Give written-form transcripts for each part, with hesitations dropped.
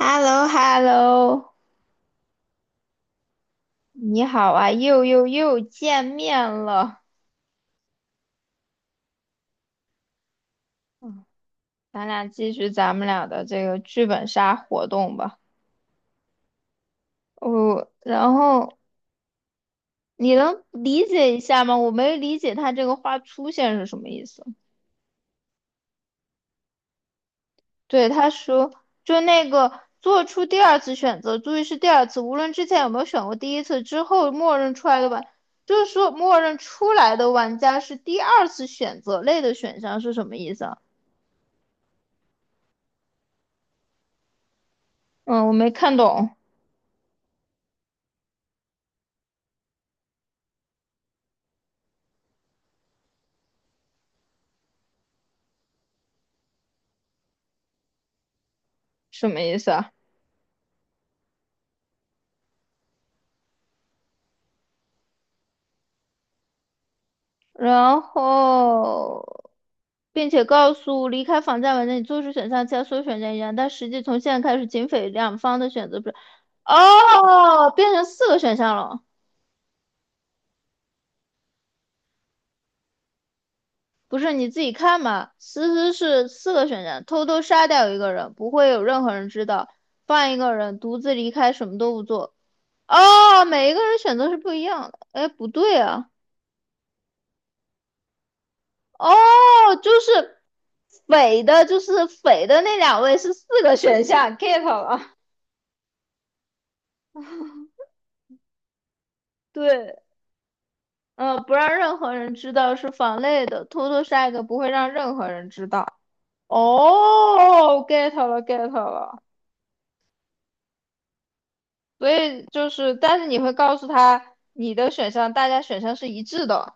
h e l l o h e l l o 你好啊，又见面了，咱俩继续咱们俩的这个剧本杀活动吧。哦，然后你能理解一下吗？我没理解他这个话出现是什么意思。对，他说就那个做出第二次选择，注意是第二次，无论之前有没有选过第一次，之后默认出来的玩，就是说默认出来的玩家是第二次选择类的选项是什么意思啊？嗯，我没看懂。什么意思啊？然后，并且告诉离开房间文家，你，做出选项其他所有选项一样，但实际从现在开始，警匪两方的选择不是哦，变成四个选项了。不是你自己看嘛？思思是四个选项：偷偷杀掉一个人，不会有任何人知道；放一个人独自离开，什么都不做。哦，每一个人选择是不一样的。哎，不对啊。哦，就是匪的，就是匪的那两位是四个选项，get 了啊。对，不让任何人知道是防内的，偷偷杀一个不会让任何人知道。哦，get 了，get 了。所以就是，但是你会告诉他你的选项，大家选项是一致的，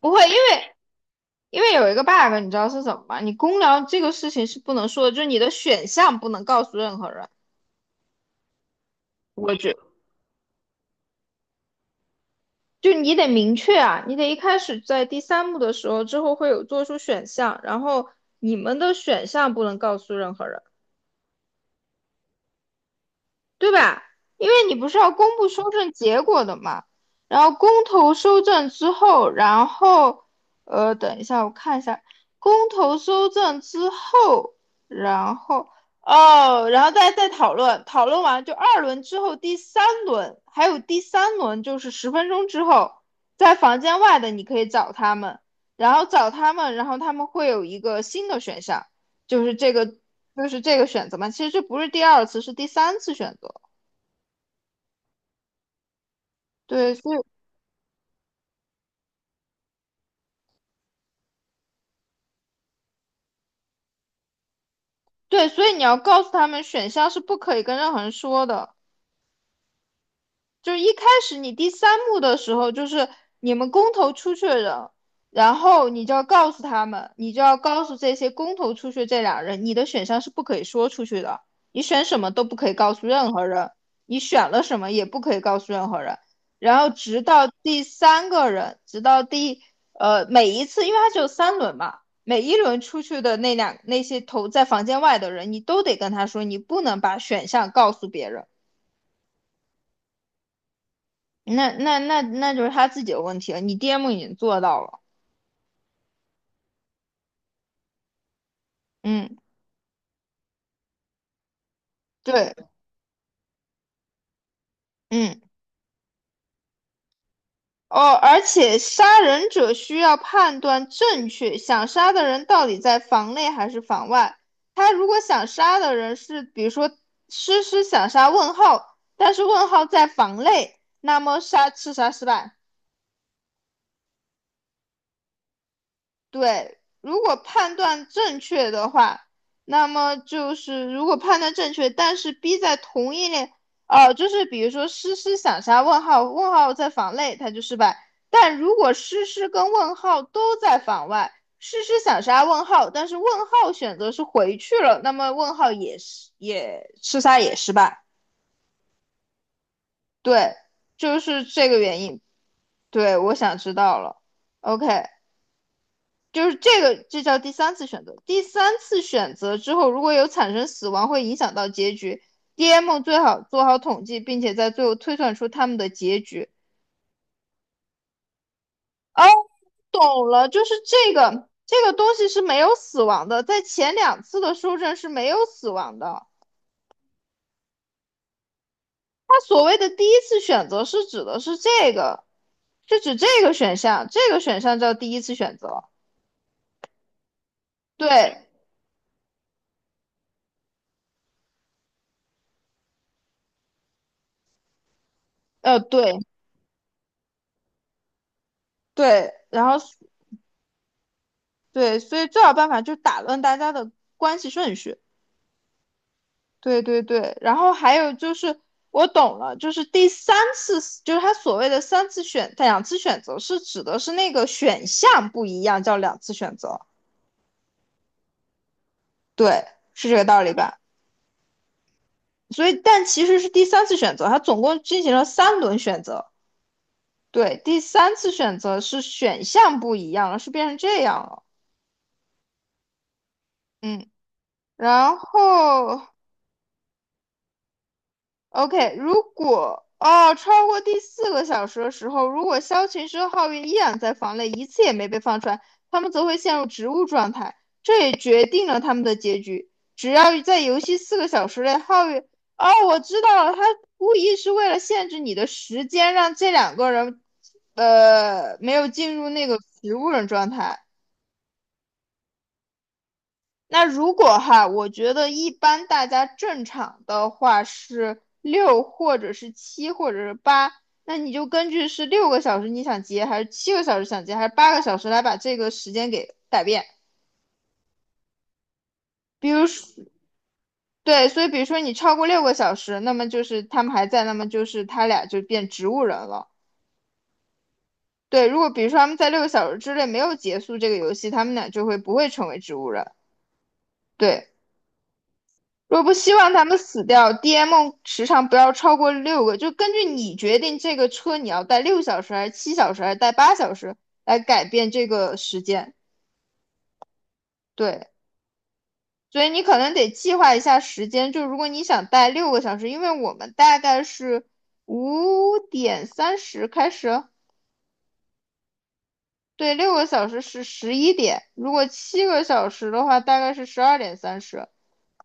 不会，因为因为有一个 bug，你知道是什么吗？你公聊这个事情是不能说的，就是你的选项不能告诉任何人。我觉就你得明确啊，你得一开始在第三幕的时候之后会有做出选项，然后你们的选项不能告诉任何人。对吧？因为你不是要公布收证结果的嘛，然后公投收证之后，然后等一下我看一下，公投收证之后，然后哦，然后再讨论，讨论完就2轮之后第三轮，还有第三轮就是十分钟之后，在房间外的你可以找他们，然后找他们，然后他们会有一个新的选项，就是这个就是这个选择嘛。其实这不是第二次，是第三次选择。对，所以对，所以你要告诉他们，选项是不可以跟任何人说的。就是一开始你第三幕的时候，就是你们公投出去的人，然后你就要告诉他们，你就要告诉这些公投出去这俩人，你的选项是不可以说出去的，你选什么都不可以告诉任何人，你选了什么也不可以告诉任何人。然后直到第3个人，直到第每一次，因为它只有三轮嘛，每一轮出去的那两那些投在房间外的人，你都得跟他说，你不能把选项告诉别人。那就是他自己的问题了。你 DM 已经做到了，嗯，对，嗯，哦，而且杀人者需要判断正确，想杀的人到底在房内还是房外。他如果想杀的人是，比如说诗诗想杀问号，但是问号在房内，那么杀刺杀失败。对，如果判断正确的话，那么就是如果判断正确，但是 B 在同一类，哦，就是比如说诗诗想杀问号，问号在房内，它就失败。但如果诗诗跟问号都在房外，诗诗想杀问号，但是问号选择是回去了，那么问号也是也吃杀也失败。对，就是这个原因。对，我想知道了。OK。就是这个，这叫第三次选择。第三次选择之后，如果有产生死亡，会影响到结局。DM 最好做好统计，并且在最后推算出他们的结局。哦，懂了，就是这个东西是没有死亡的，在前两次的修正是没有死亡的。它所谓的第一次选择是指的是这个，是指这个选项，这个选项叫第一次选择。对，对对，然后对，所以最好办法就是打乱大家的关系顺序。对对对，然后还有就是我懂了，就是第三次，就是他所谓的三次选两次选择，是指的是那个选项不一样，叫两次选择。对，是这个道理吧？所以，但其实是第三次选择，他总共进行了3轮选择。对，第三次选择是选项不一样了，是变成这样了。嗯，然后 OK，如果哦超过第4个小时的时候，如果枭群之皓月依然在房内，一次也没被放出来，他们则会陷入植物状态，这也决定了他们的结局。只要在游戏四个小时内，皓月哦，我知道了，他故意是为了限制你的时间，让这两个人没有进入那个植物人状态。那如果哈，我觉得一般大家正常的话是六或者是七或者是八，那你就根据是六个小时你想结还是七个小时想结还是8个小时来把这个时间给改变。比如说，对，所以比如说你超过六个小时，那么就是他们还在，那么就是他俩就变植物人了。对，如果比如说他们在六个小时之内没有结束这个游戏，他们俩就会不会成为植物人。对。若不希望他们死掉，DM 时长不要超过六个，就根据你决定这个车你要带6小时还是7小时还是带8小时来改变这个时间。对，所以你可能得计划一下时间，就如果你想带六个小时，因为我们大概是5:30开始哦，对，6个小时是11点，如果七个小时的话大概是12:30，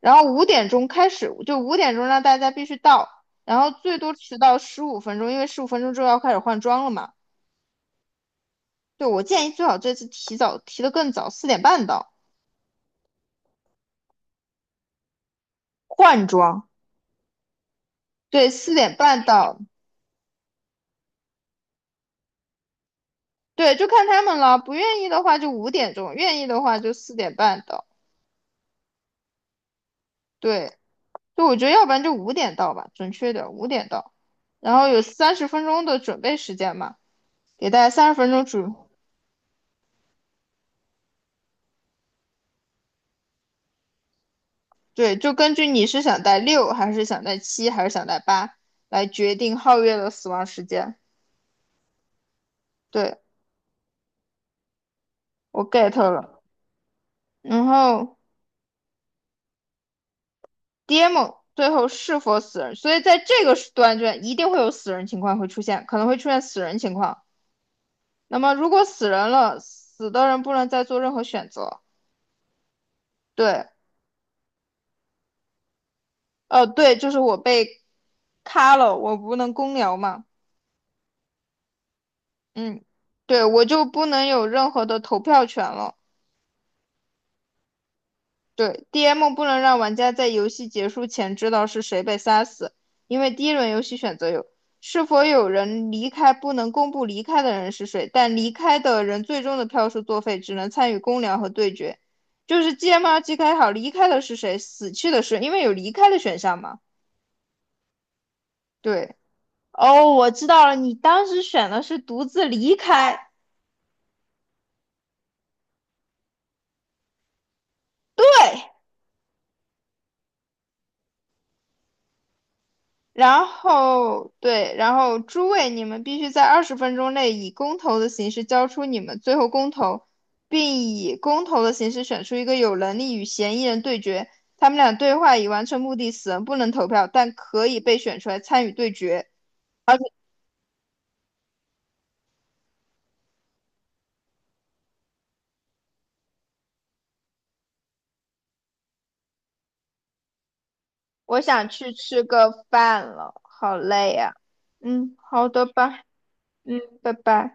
然后五点钟开始，就五点钟让大家必须到，然后最多迟到十五分钟，因为十五分钟之后要开始换装了嘛。对，我建议最好这次提早提得更早，四点半到换装。对，四点半到，对，就看他们了。不愿意的话就五点钟，愿意的话就四点半到。对，就我觉得要不然就五点到吧，准确点，五点到。然后有三十分钟的准备时间嘛，给大家三十分钟准对，就根据你是想带六，还是想带七，还是想带八，来决定皓月的死亡时间。对，我 get 了。然后 DM 最后是否死人，所以在这个段卷一定会有死人情况会出现，可能会出现死人情况。那么如果死人了，死的人不能再做任何选择。对，对，就是我被卡了，我不能公聊嘛。嗯，对，我就不能有任何的投票权了。对，DM 不能让玩家在游戏结束前知道是谁被杀死，因为第1轮游戏选择有是否有人离开，不能公布离开的人是谁，但离开的人最终的票数作废，只能参与公聊和对决。就是 GM 要记开好离开的是谁，死去的是，因为有离开的选项嘛。对，哦，我知道了，你当时选的是独自离开。对，然后对，然后诸位，你们必须在20分钟内以公投的形式交出你们最后公投，并以公投的形式选出一个有能力与嫌疑人对决。他们俩对话已完成目的，死人不能投票，但可以被选出来参与对决。而且我想去吃个饭了，好累呀、嗯，好的吧，嗯，拜拜。